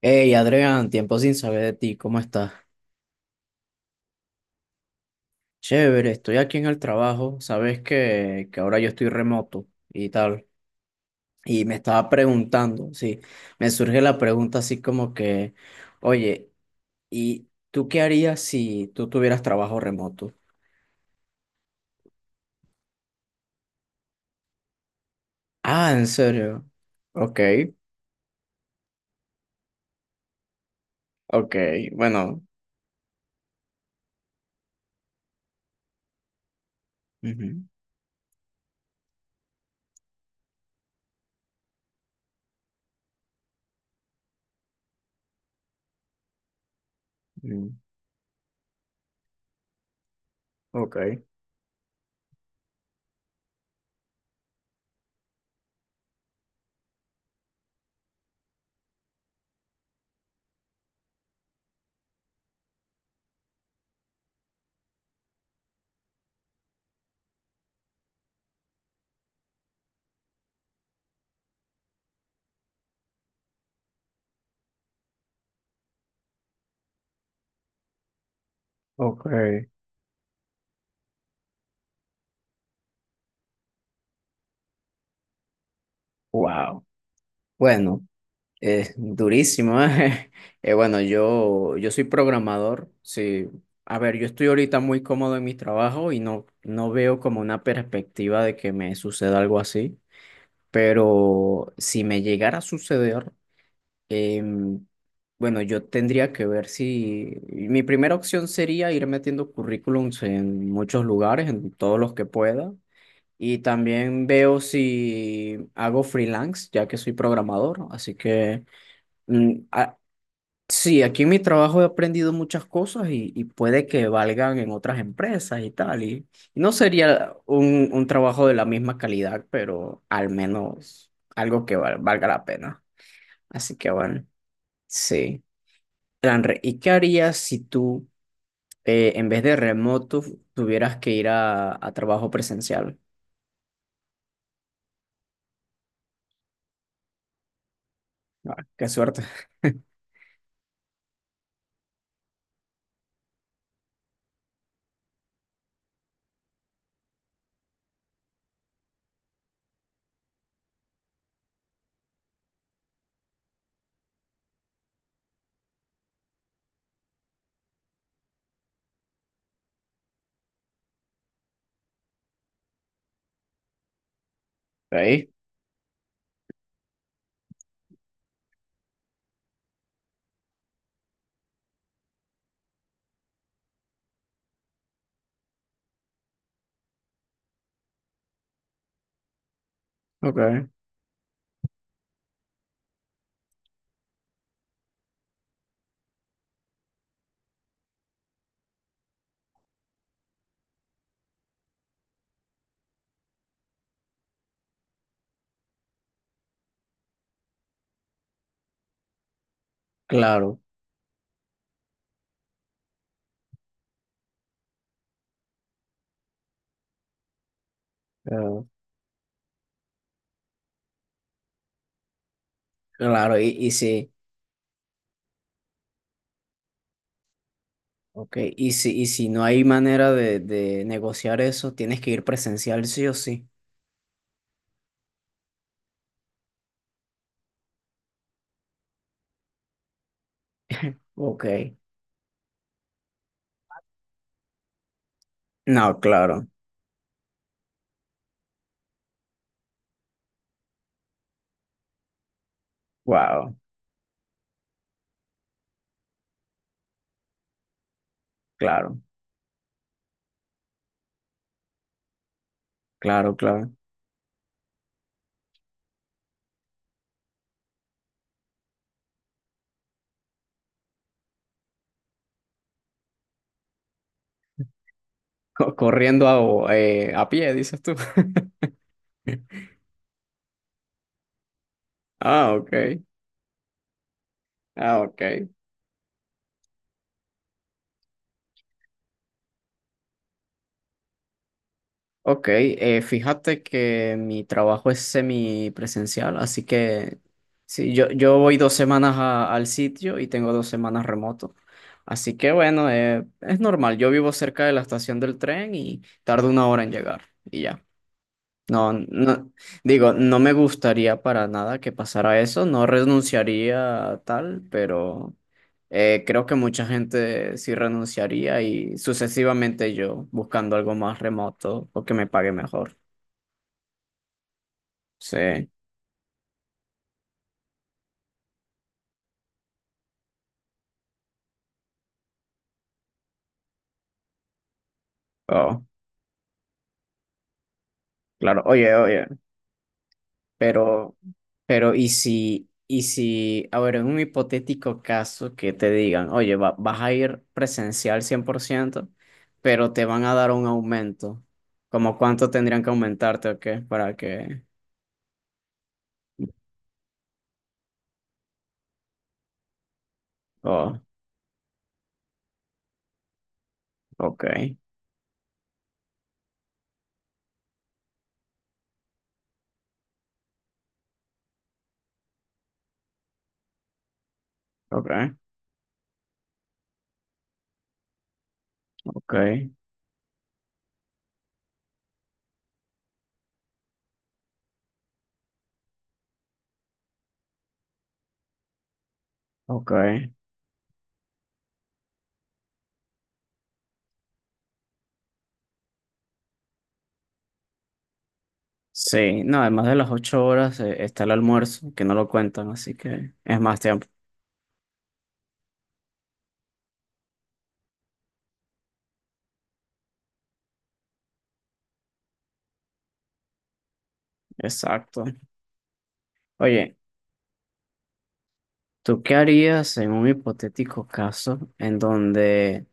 Hey Adrián, tiempo sin saber de ti, ¿cómo estás? Chévere, estoy aquí en el trabajo, sabes que ahora yo estoy remoto y tal, y me estaba preguntando, sí, me surge la pregunta así como que, oye, ¿y tú qué harías si tú tuvieras trabajo remoto? Ah, ¿en serio? Ok, ok, bueno, ujú, mm, ok, ok, wow. Bueno. Es durísimo, ¿eh? Bueno, yo soy programador, sí. A ver, yo estoy ahorita muy cómodo en mi trabajo y no veo como una perspectiva de que me suceda algo así, pero si me llegara a suceder, em, bueno, yo tendría que ver si... Mi primera opción sería ir metiendo currículums en muchos lugares, en todos los que pueda. Y también veo si hago freelance, ya que soy programador, así que... Mm, a- Sí, aquí en mi trabajo he aprendido muchas cosas y puede que valgan en otras empresas y tal. Y no sería un trabajo de la misma calidad, pero al menos algo que valga la pena. Así que bueno, sí. Lanre, ¿y qué harías si tú, en vez de remoto, tuvieras que ir a trabajo presencial? Ah, qué suerte. Ahí, ok, claro, claro, claro, y sí. Ok, y si no hay manera de negociar eso, tienes que ir presencial sí o sí. Ok. No, claro. Wow. Claro, claro, claro. Corriendo a pie, dices tú. Ah, ok. Ah, ok. Ok, fíjate que mi trabajo es semipresencial, así que sí, yo voy 2 semanas al sitio y tengo 2 semanas remoto. Así que bueno, es normal, yo vivo cerca de la estación del tren y tardo 1 hora en llegar y ya. No, no, digo, no me gustaría para nada que pasara eso, no renunciaría a tal, pero creo que mucha gente sí renunciaría y sucesivamente yo buscando algo más remoto o que me pague mejor. Sí, oh, claro. Oye, oye. Pero, pero, ¿y si, a ver, en un hipotético caso que te digan, oye, vas a ir presencial 100%, pero te van a dar un aumento, ¿como cuánto tendrían que aumentarte o qué? Para que... Oh, ok, ok, ok, ok. Sí, no, además de las 8 horas está el almuerzo, que no lo cuentan, así que es más tiempo. Exacto. Oye, ¿tú qué harías en un hipotético caso en donde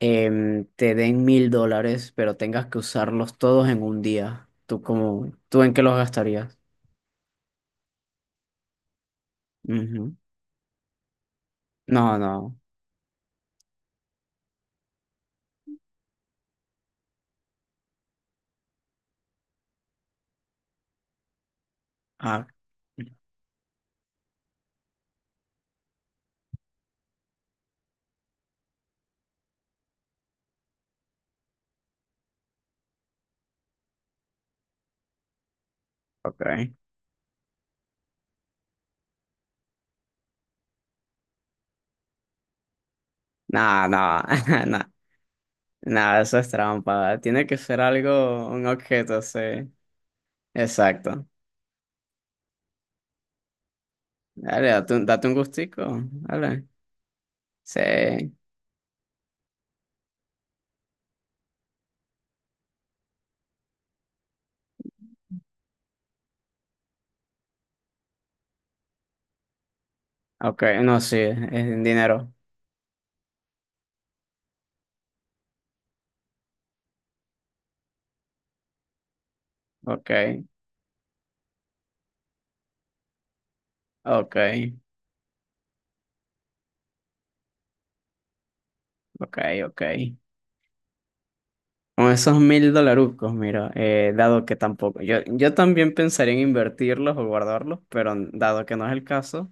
te den $1,000, pero tengas que usarlos todos en un día? ¿Tú cómo, tú en qué los gastarías? Ujú. No, no. Ah, ok. No, no, no, no, eso es trampa. Tiene que ser algo, un objeto, sí. Exacto. Dale, date un gustico. Dale. Sí. Ok, no, sí, es en dinero. Ok, ok, ok, ok. Con esos 1,000 dolarucos, mira, dado que tampoco, yo también pensaría en invertirlos o guardarlos, pero dado que no es el caso,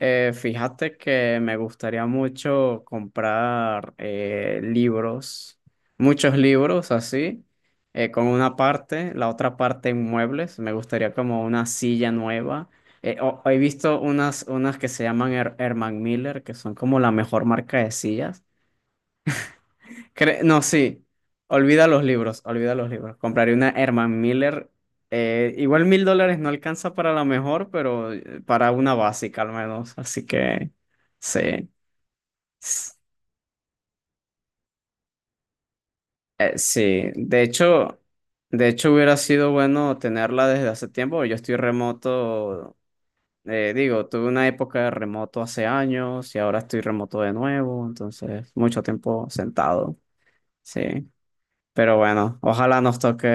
fíjate que me gustaría mucho comprar libros, muchos libros así, con una parte, la otra parte en muebles, me gustaría como una silla nueva. He visto unas que se llaman Herman Miller, que son como la mejor marca de sillas. No, sí. Olvida los libros, olvida los libros. Compraré una Herman Miller. Igual $1,000 no alcanza para la mejor, pero para una básica al menos. Así que sí. S- sí. De hecho hubiera sido bueno tenerla desde hace tiempo. Yo estoy remoto. Digo, tuve una época de remoto hace años y ahora estoy remoto de nuevo. Entonces, mucho tiempo sentado. Sí. Pero bueno, ojalá nos toque,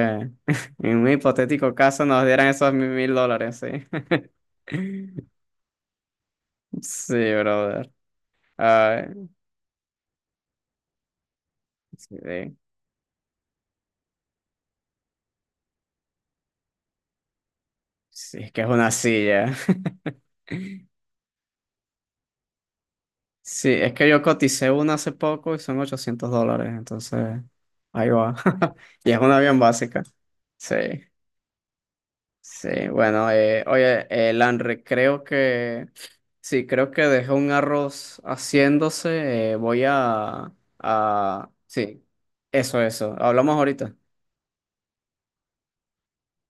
en un hipotético caso, nos dieran esos $1,000, sí. Sí, brother. Ay, sí, sí, es que es una silla. Sí, es que yo coticé una hace poco y son $800, entonces ahí va. Y es una bien básica. Sí. Sí, bueno, oye, Lanre, creo que, sí, creo que dejé un arroz haciéndose, voy a, sí, eso, hablamos ahorita.